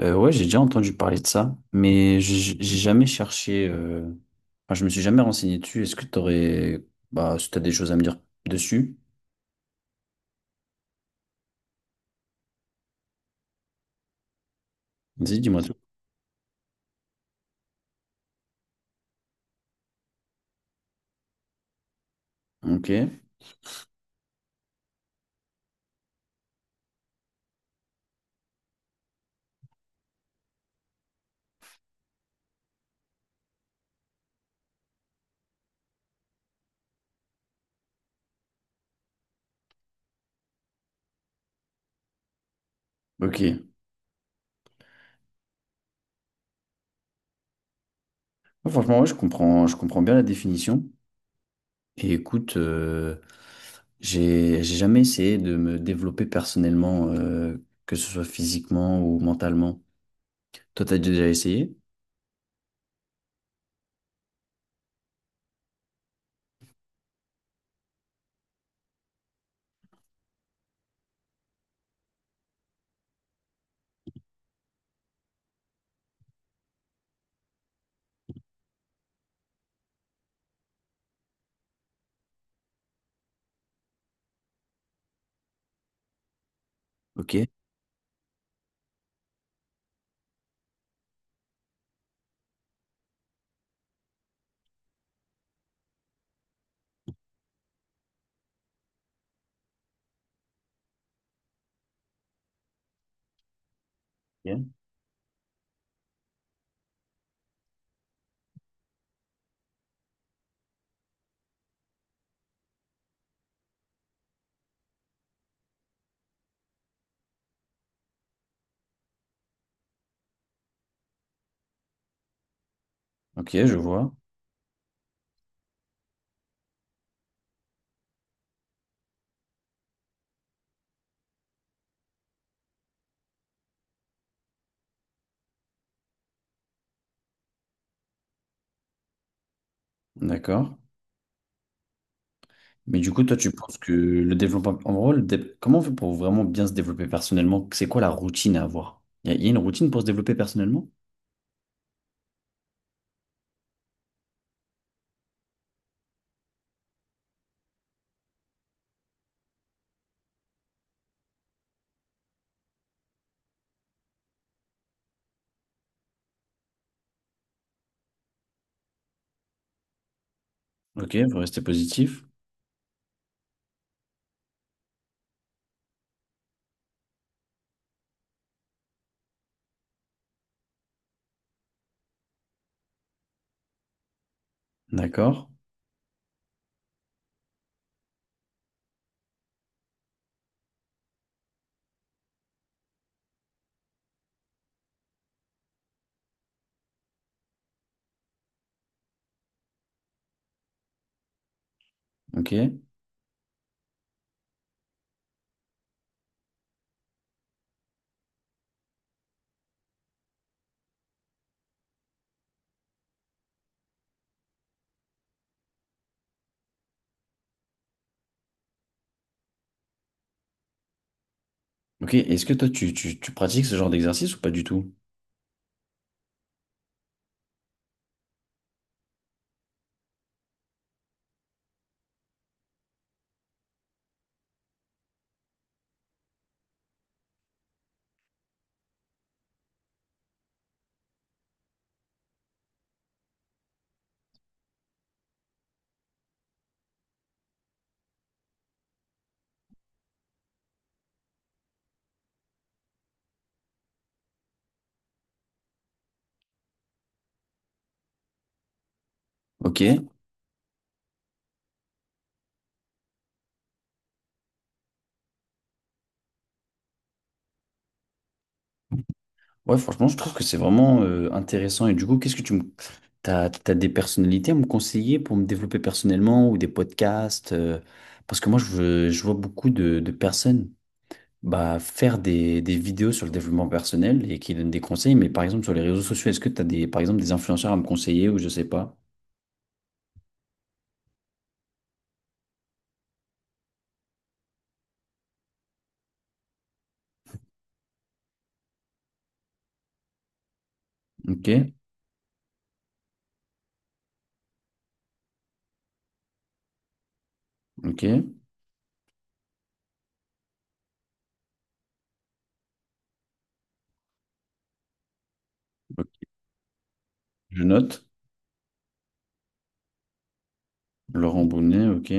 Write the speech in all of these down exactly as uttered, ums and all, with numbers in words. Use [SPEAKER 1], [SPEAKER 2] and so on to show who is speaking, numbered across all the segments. [SPEAKER 1] Euh, ouais, j'ai déjà entendu parler de ça, mais j'ai j'ai jamais cherché. euh, Enfin, je me suis jamais renseigné dessus. Est-ce que t'aurais, bah, si t'as des choses à me dire dessus, vas-y, dis-moi tout. Ok, ok. Ouais, franchement, ouais, je comprends, je comprends bien la définition. Et écoute, euh, j'ai j'ai jamais essayé de me développer personnellement, euh, que ce soit physiquement ou mentalement. Toi, t'as déjà essayé? Ok. Ok, ok, je vois. D'accord. Mais du coup, toi, tu penses que le développement, en gros, le dé- comment on fait pour vraiment bien se développer personnellement? C'est quoi la routine à avoir? Il y, a y a une routine pour se développer personnellement? Ok, vous restez positif. D'accord. Ok. Ok. Est-ce que toi, tu, tu, tu pratiques ce genre d'exercice ou pas du tout? Ok. Ouais, franchement, je trouve que c'est vraiment euh, intéressant. Et du coup, qu'est-ce que tu me... T'as, t'as des personnalités à me conseiller pour me développer personnellement ou des podcasts? euh, parce que moi, je, veux- je vois beaucoup de, de personnes. Bah, faire des, des vidéos sur le développement personnel et qui donnent des conseils. Mais par exemple, sur les réseaux sociaux, est-ce que tu as des, par exemple, des influenceurs à me conseiller ou je sais pas? Ok, ok, ok. Je note. Laurent Bounet, ok.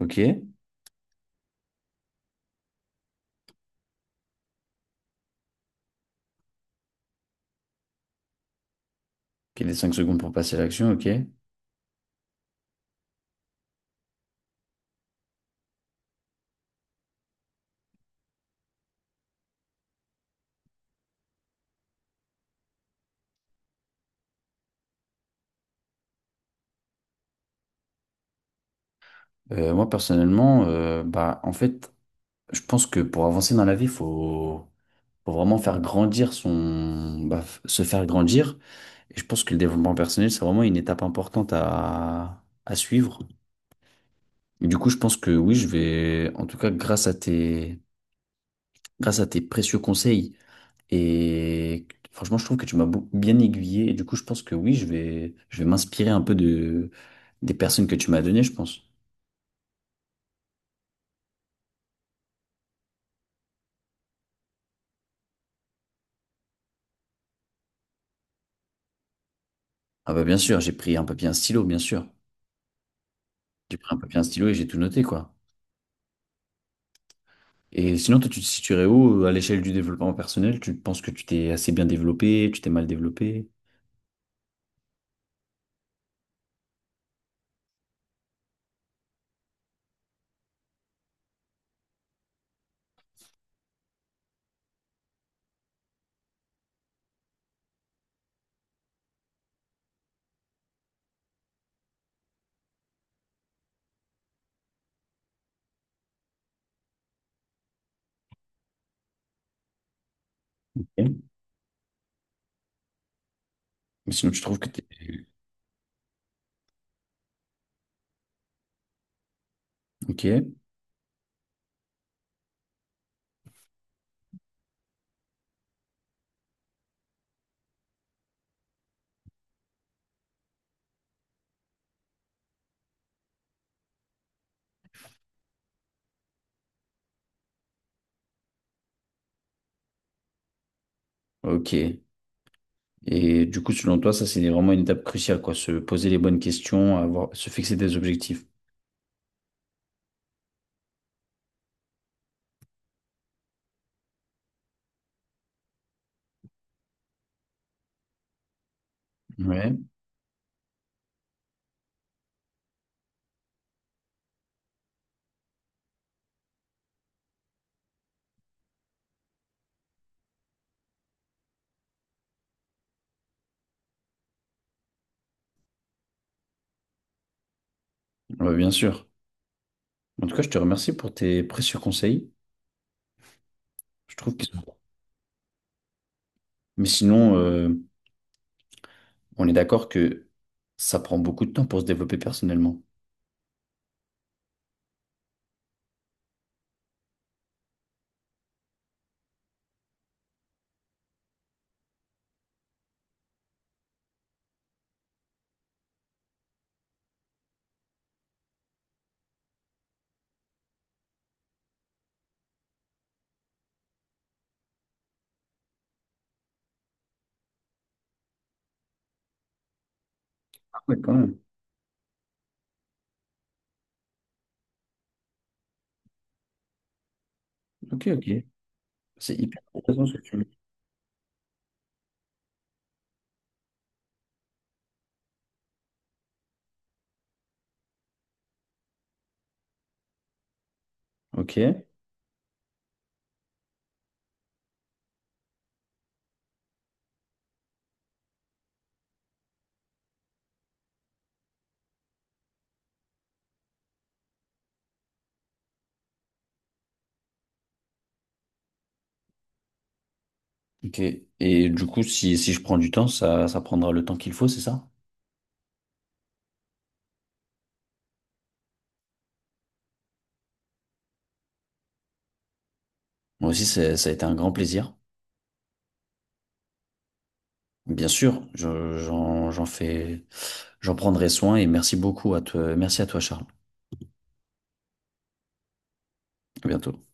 [SPEAKER 1] Ok, qu'il ait cinq secondes pour passer à l'action, ok. Euh, moi, personnellement, euh, bah, en fait, je pense que pour avancer dans la vie, faut, faut vraiment faire grandir son, bah, f- se faire grandir. Et je pense que le développement personnel, c'est vraiment une étape importante à, à suivre. Du coup, je pense que oui, je vais, en tout cas, grâce à tes, grâce à tes précieux conseils, et franchement, je trouve que tu m'as beau- bien aiguillé, et du coup, je pense que oui, je vais, je vais m'inspirer un peu de, des personnes que tu m'as données, je pense. Ah bah, bien sûr, j'ai pris un papier, et un stylo, bien sûr. J'ai pris un papier, et un stylo et j'ai tout noté, quoi. Et sinon, toi, tu te situerais où euh, à l'échelle du développement personnel? Tu penses que tu t'es assez bien développé, tu t'es mal développé? Ok. Mais sinon, tu trouves que t'es... Ok, ok. Et du coup, selon toi, ça, c'est vraiment une étape cruciale, quoi. Se poser les bonnes questions, avoir, se fixer des objectifs. Ouais, ouais, bien sûr. En tout cas, je te remercie pour tes précieux conseils. Je trouve qu'ils sont... Mais sinon, euh, on est d'accord que ça prend beaucoup de temps pour se développer personnellement. Ah ouais, quand même. Ok, ok. C'est hyper intéressant ce que tu me dis. Ok, ok. Et du coup, si, si je prends du temps, ça, ça prendra le temps qu'il faut, c'est ça? Moi aussi, c'est- ça a été un grand plaisir. Bien sûr, je- j'en, j'en fais, j'en prendrai soin et merci beaucoup à toi, merci à toi, Charles. À bientôt.